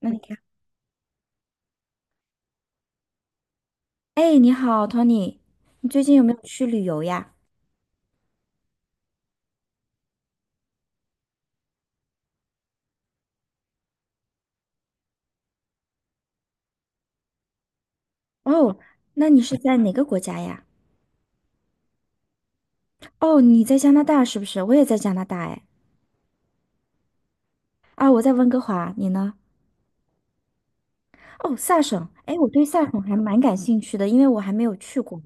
那你看，哎，你好，Tony，你最近有没有去旅游呀？哦，那你是在哪个国家呀？哦，你在加拿大是不是？我也在加拿大，哎，啊，我在温哥华，你呢？哦，萨省，哎，我对萨省还蛮感兴趣的，因为我还没有去过。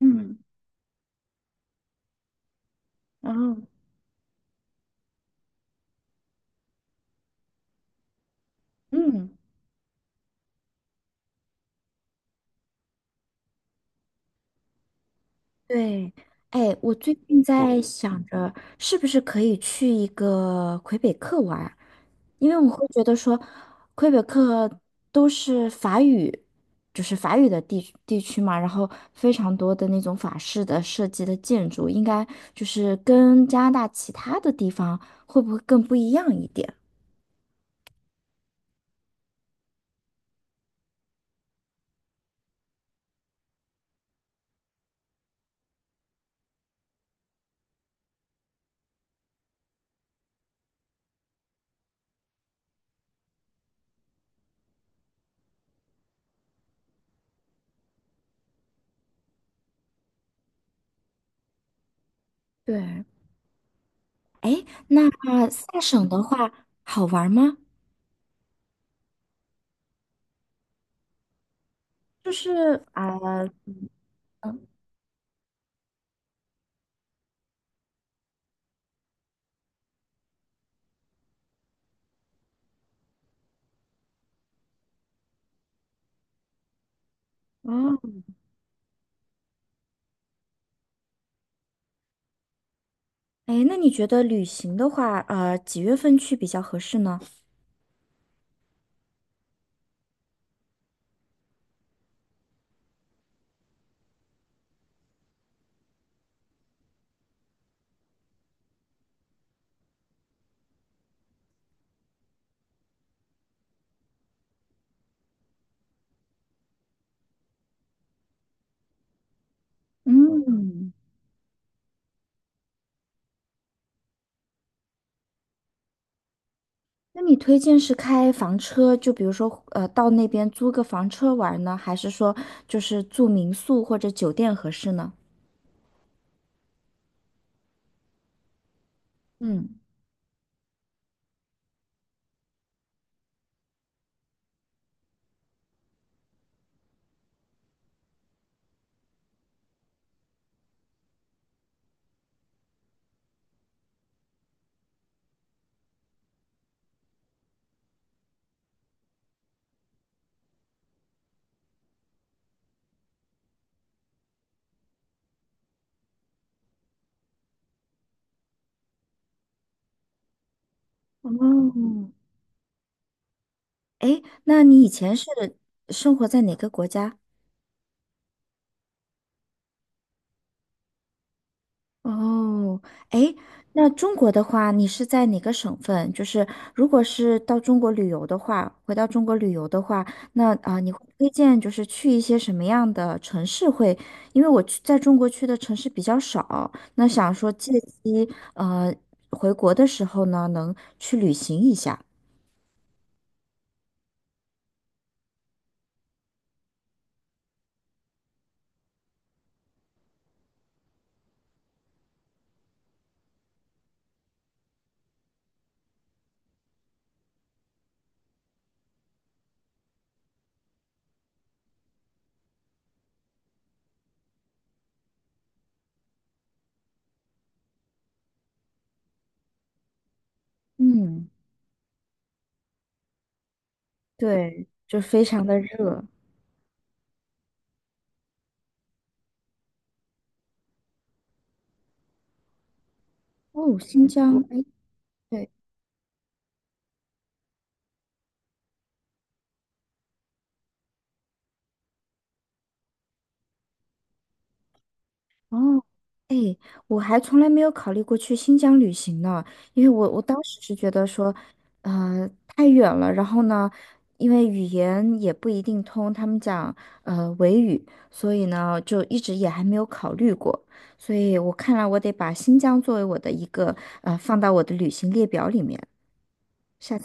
嗯，然后，嗯。对，哎，我最近在想着，是不是可以去一个魁北克玩儿，因为我会觉得说，魁北克都是法语，就是法语的地区嘛，然后非常多的那种法式的设计的建筑，应该就是跟加拿大其他的地方会不会更不一样一点？对，哎，那萨省的话好玩儿吗？就是啊。哎，那你觉得旅行的话，几月份去比较合适呢？嗯，那你推荐是开房车，就比如说，到那边租个房车玩呢，还是说就是住民宿或者酒店合适呢？嗯，哦，哎，那你以前是生活在哪个国家？哦，诶，那中国的话，你是在哪个省份？就是如果是到中国旅游的话，回到中国旅游的话，那你会推荐就是去一些什么样的城市会？因为我去在中国去的城市比较少，那想说借机呃回国的时候呢，能去旅行一下。嗯，对，就非常的热。哦，新疆，哎，对。哦，哎，我还从来没有考虑过去新疆旅行呢，因为我当时是觉得说，太远了，然后呢，因为语言也不一定通，他们讲维语，所以呢，就一直也还没有考虑过，所以我看来我得把新疆作为我的一个放到我的旅行列表里面。下，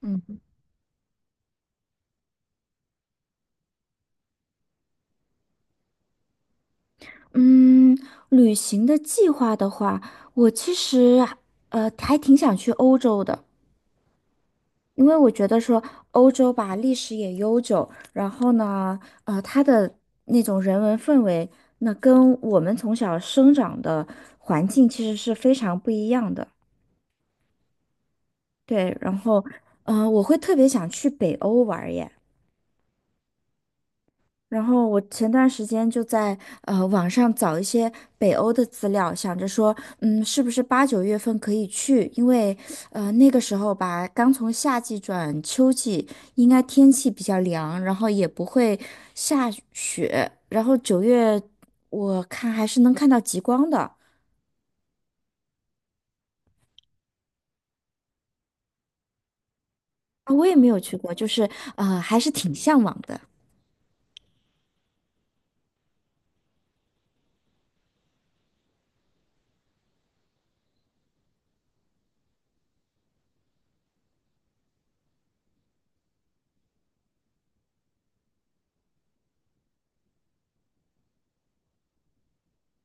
嗯嗯，旅行的计划的话，我其实还挺想去欧洲的。因为我觉得说欧洲吧，历史也悠久，然后呢，呃，它的那种人文氛围，那跟我们从小生长的环境其实是非常不一样的。对，然后，我会特别想去北欧玩儿耶。然后我前段时间就在网上找一些北欧的资料，想着说，嗯，是不是八九月份可以去？因为那个时候吧，刚从夏季转秋季，应该天气比较凉，然后也不会下雪。然后九月我看还是能看到极光的。啊，我也没有去过，就是还是挺向往的。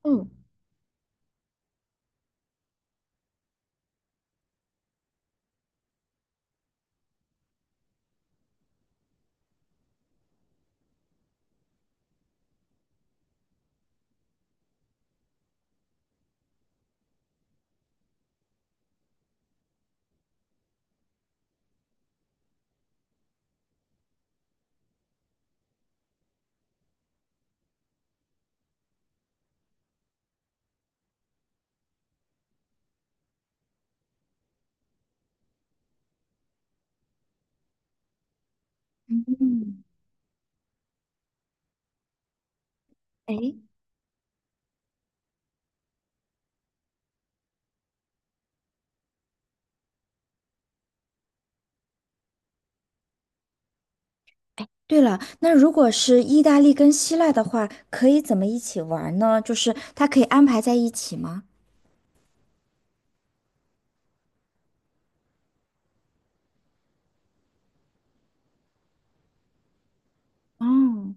嗯嗯，哎，对了，那如果是意大利跟希腊的话，可以怎么一起玩呢？就是它可以安排在一起吗？哦，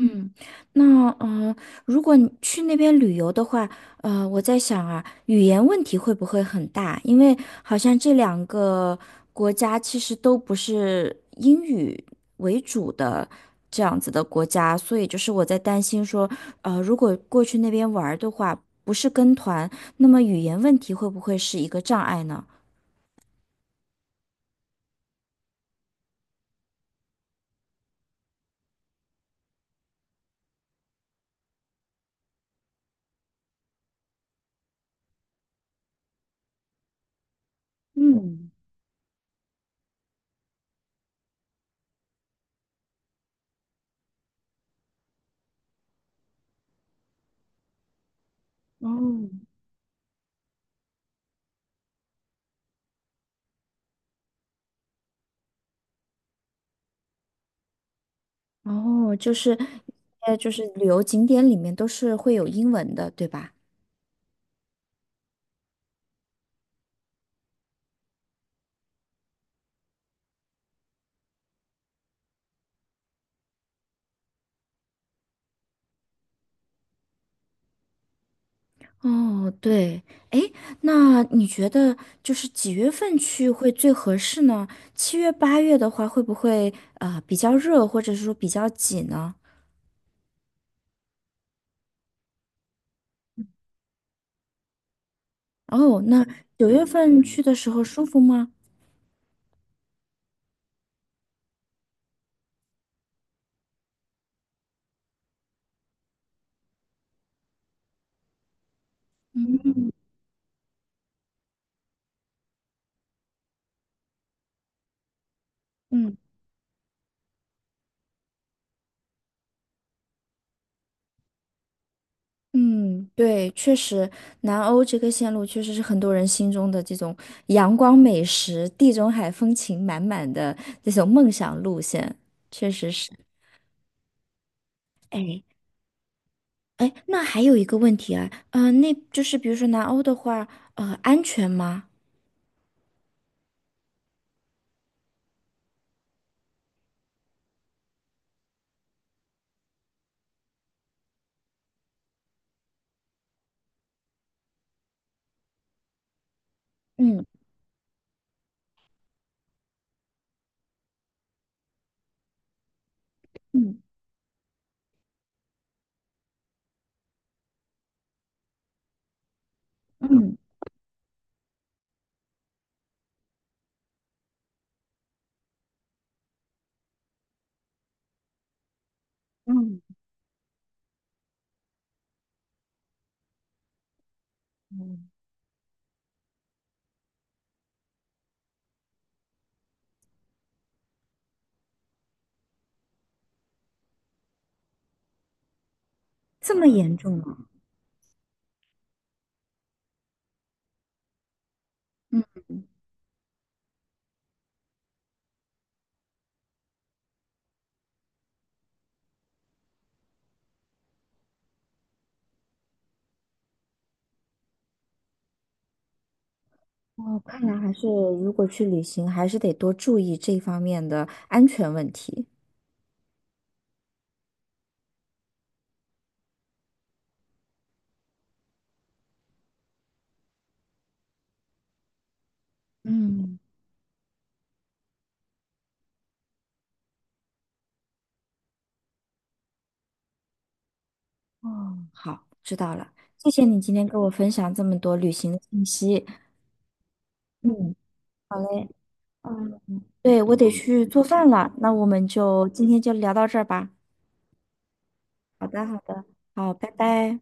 嗯，那如果你去那边旅游的话，呃，我在想啊，语言问题会不会很大？因为好像这两个国家其实都不是英语为主的这样子的国家，所以就是我在担心说，如果过去那边玩儿的话，不是跟团，那么语言问题会不会是一个障碍呢？嗯，哦，哦，就是，就是旅游景点里面都是会有英文的，对吧？哦，对，哎，那你觉得就是几月份去会最合适呢？七月、八月的话，会不会啊比较热，或者是说比较挤呢？哦，那九月份去的时候舒服吗？嗯嗯嗯，对，确实，南欧这个线路确实是很多人心中的这种阳光美食、地中海风情满满的这种梦想路线，确实是。哎。哎，那还有一个问题啊，那就是比如说南欧的话，安全吗？嗯嗯嗯嗯，这么严重吗？嗯，哦，看来还是如果去旅行，还是得多注意这方面的安全问题。嗯，哦，好，知道了，谢谢你今天跟我分享这么多旅行的信息。嗯，好嘞，嗯，对，我得去做饭了，那我们就今天就聊到这儿吧。好的好的，好，拜拜。